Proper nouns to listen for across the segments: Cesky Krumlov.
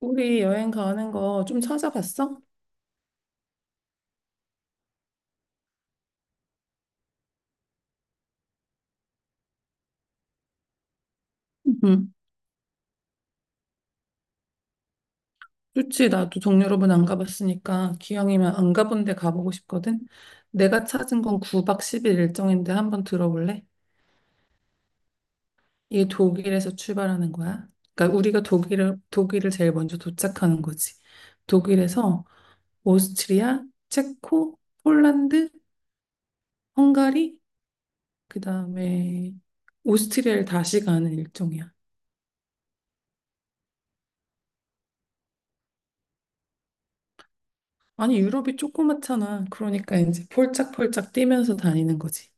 우리 여행 가는 거 좀 찾아봤어? 응. 좋지. 나도 동유럽은안 가봤으니까 기왕이면 안 가본 데 가보고 싶거든. 내가 찾은 건 9박 10일 일정인데 한번 들어볼래? 이게 독일에서 출발하는 거야. 그러니까 우리가 독일을 제일 먼저 도착하는 거지. 독일에서 오스트리아, 체코, 폴란드, 헝가리, 그다음에 오스트리아를 다시 가는 일정이야. 아니, 유럽이 조그맣잖아. 그러니까 이제 폴짝폴짝 뛰면서 다니는 거지.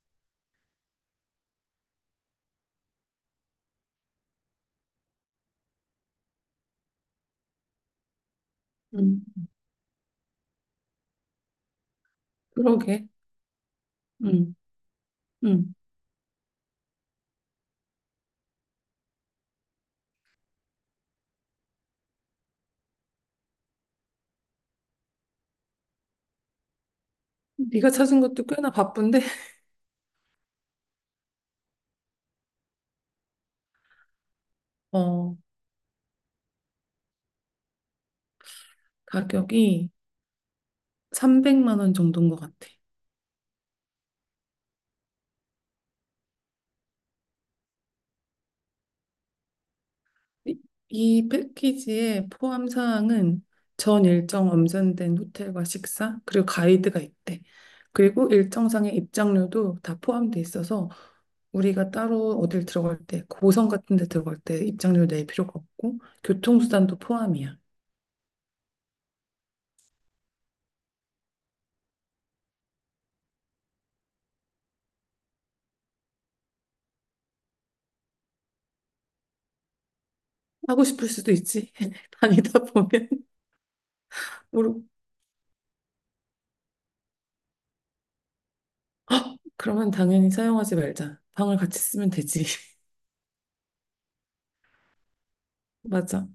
음, 그러게. 응, 응. 네가 찾은 것도 꽤나 바쁜데, 어, 가격이 300만 원 정도인 것 같아. 이, 이 패키지의 포함 사항은 전 일정 엄선된 호텔과 식사, 그리고 가이드가 있대. 그리고 일정상의 입장료도 다 포함돼 있어서 우리가 따로 어딜 들어갈 때, 고성 같은 데 들어갈 때 입장료 낼 필요가 없고, 교통수단도 포함이야. 하고 싶을 수도 있지. 다니다 보면 모르고 헉, 그러면 당연히 사용하지 말자. 방을 같이 쓰면 되지. 맞아.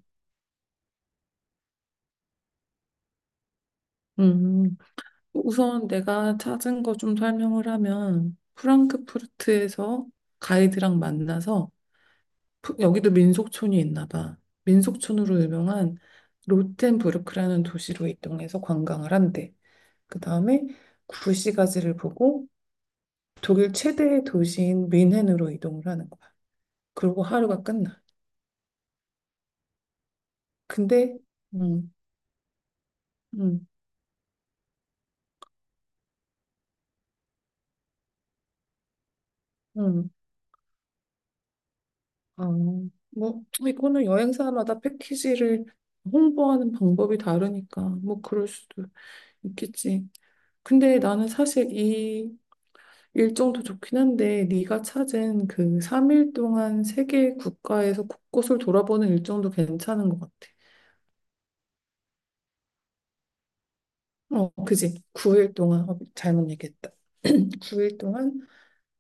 음, 우선 내가 찾은 거 좀 설명을 하면 프랑크푸르트에서 가이드랑 만나서 여기도 민속촌이 있나 봐. 민속촌으로 유명한 로텐부르크라는 도시로 이동해서 관광을 한대. 그 다음에 구시가지를 보고 독일 최대의 도시인 뮌헨으로 이동을 하는 거야. 그리고 하루가 끝나. 근데 음, 음, 음, 아, 뭐 이거는 여행사마다 패키지를 홍보하는 방법이 다르니까 뭐 그럴 수도 있겠지. 근데 나는 사실 이 일정도 좋긴 한데 네가 찾은 그 3일 동안 세계 국가에서 곳곳을 돌아보는 일정도 괜찮은 것 같아. 어, 그지? 9일 동안, 잘못 얘기했다. 9일 동안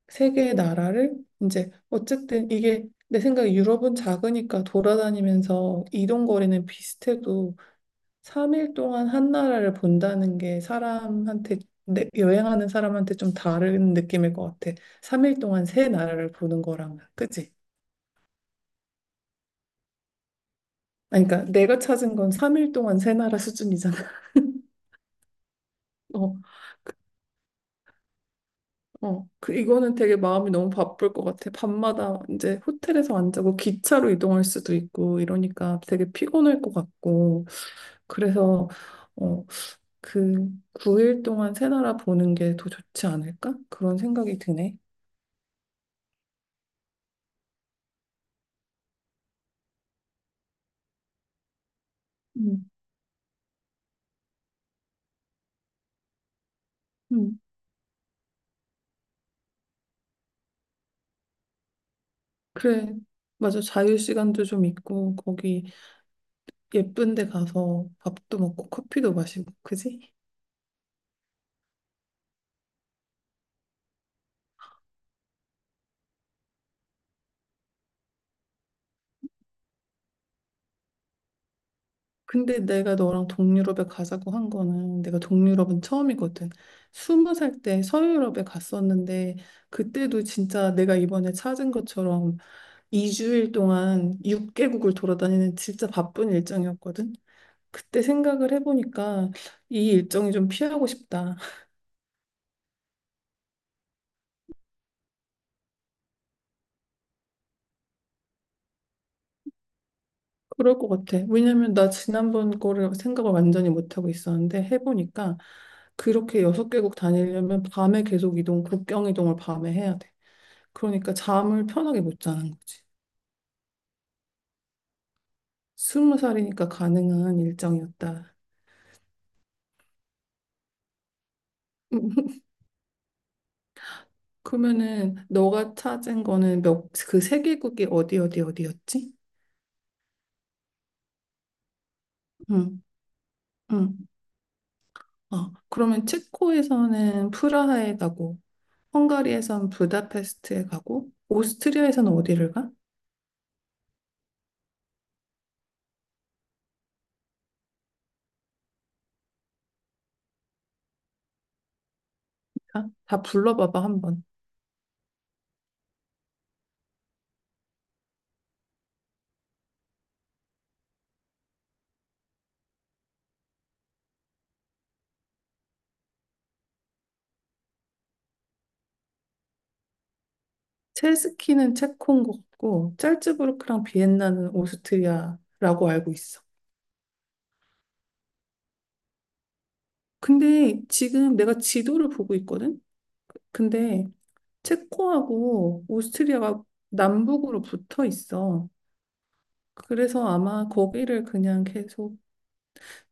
3개의 나라를 이제 어쨌든 이게 내 생각에 유럽은 작으니까 돌아다니면서 이동 거리는 비슷해도 3일 동안 한 나라를 본다는 게 사람한테 여행하는 사람한테 좀 다른 느낌일 것 같아. 3일 동안 세 나라를 보는 거랑 그치? 아니, 그러니까 내가 찾은 건 3일 동안 세 나라 수준이잖아. 어, 어. 그 이거는 되게 마음이 너무 바쁠 것 같아. 밤마다 이제 호텔에서 안 자고 기차로 이동할 수도 있고 이러니까 되게 피곤할 것 같고. 그래서 어, 그 9일 동안 새 나라 보는 게 더 좋지 않을까? 그런 생각이 드네. 음, 음. 그래. 맞아. 자유 시간도 좀 있고 거기 예쁜 데 가서 밥도 먹고 커피도 마시고 그지? 근데 내가 너랑 동유럽에 가자고 한 거는 내가 동유럽은 처음이거든. 20살 때 서유럽에 갔었는데 그때도 진짜 내가 이번에 찾은 것처럼 2주일 동안 6개국을 돌아다니는 진짜 바쁜 일정이었거든. 그때 생각을 해보니까 이 일정이 좀 피하고 싶다. 그럴 것 같아. 왜냐면 나 지난번 거를 생각을 완전히 못하고 있었는데 해보니까 그렇게 6개국 다니려면 밤에 계속 이동, 국경 이동을 밤에 해야 돼. 그러니까 잠을 편하게 못 자는 거지. 스무 살이니까 가능한 일정이었다. 그러면은 너가 찾은 거는 몇, 그 3개국이 어디 어디 어디였지? 응, 응. 어, 그러면 체코에서는 프라하에 가고 헝가리에선 부다페스트에 가고 오스트리아에서는 어디를 가? 다 불러봐봐 한번. 체스키는 체코인 것 같고 짤츠부르크랑 비엔나는 오스트리아라고 알고 있어. 근데 지금 내가 지도를 보고 있거든? 근데 체코하고 오스트리아가 남북으로 붙어 있어. 그래서 아마 거기를 그냥 계속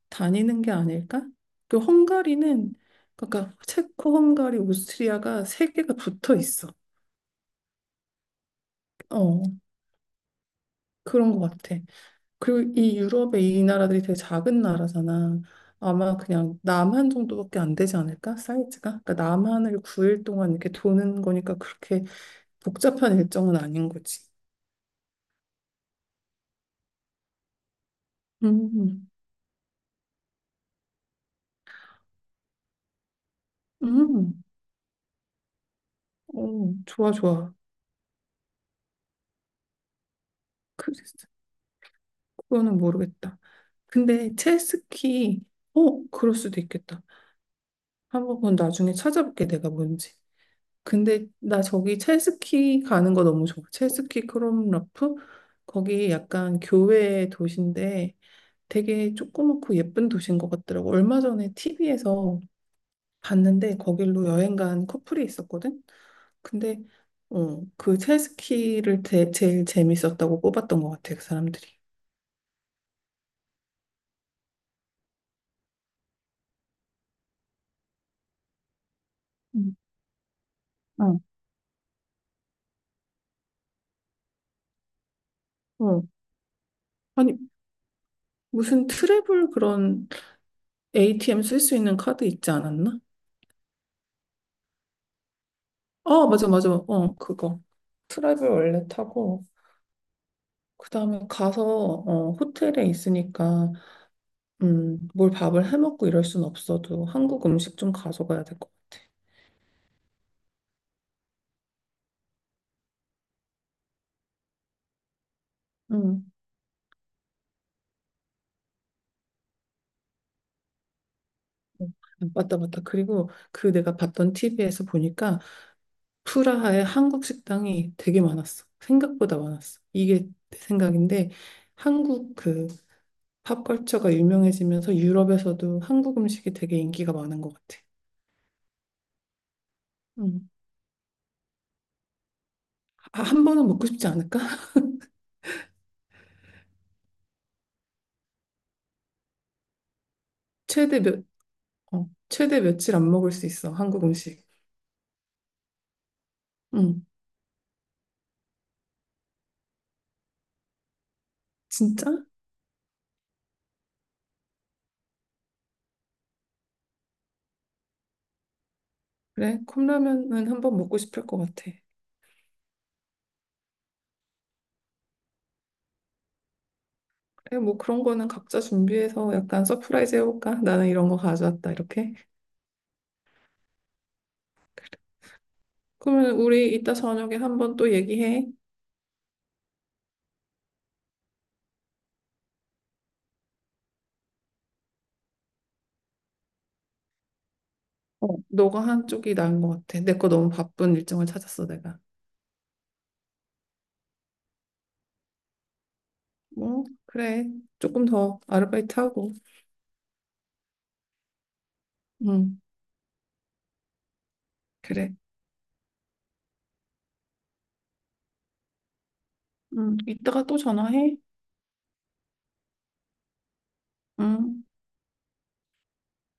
다니는 게 아닐까? 그 헝가리는 그러니까 체코, 헝가리, 오스트리아가 3개가 붙어 있어. 어, 그런 것 같아. 그리고 이 유럽의 이 나라들이 되게 작은 나라잖아. 아마 그냥 남한 정도밖에 안 되지 않을까? 사이즈가? 그러니까 남한을 9일 동안 이렇게 도는 거니까 그렇게 복잡한 일정은 아닌 거지. 음, 음, 음. 어, 좋아, 좋아. 그, 그거는 모르겠다. 근데 체스키, 그럴 수도 있겠다. 한번 그건 나중에 찾아볼게, 내가 뭔지. 근데 나 저기 첼스키 가는 거 너무 좋아. 첼스키 크롬라프? 거기 약간 교외 도시인데 되게 조그맣고 예쁜 도시인 것 같더라고. 얼마 전에 TV에서 봤는데 거길로 여행 간 커플이 있었거든? 근데 그 첼스키를 제일 재밌었다고 뽑았던 것 같아, 그 사람들이. 음, 어. 어. 아니, 무슨 트래블 그런 ATM 쓸 수 있는 카드 있지 않았나? 아, 맞아, 맞아. 어, 그거. 트래블 원래 타고 그다음에 가서 호텔에 있으니까 뭘 밥을 해 먹고 이럴 순 없어도 한국 음식 좀 가져가야 될 것 같아. 음. 맞다, 맞다. 그리고 그 내가 봤던 TV에서 보니까 프라하에 한국 식당이 되게 많았어. 생각보다 많았어. 이게 내 생각인데 한국 그 팝컬처가 유명해지면서 유럽에서도 한국 음식이 되게 인기가 많은 것 같아. 음. 아, 한 번은 먹고 싶지 않을까? 최대 몇, 최대 며칠 안 먹을 수 있어, 한국 음식. 응. 진짜? 그래? 컵라면은 한번 먹고 싶을 것 같아. 그래, 뭐 그런 거는 각자 준비해서 약간 서프라이즈 해볼까? 나는 이런 거 가져왔다, 이렇게. 그러면 우리 이따 저녁에 한번 또 얘기해. 어, 너가 한쪽이 나은 것 같아. 내 거 너무 바쁜 일정을 찾았어, 내가. 뭐, 그래. 조금 더 아르바이트 하고. 응, 그래. 응, 이따가 또 전화해. 응.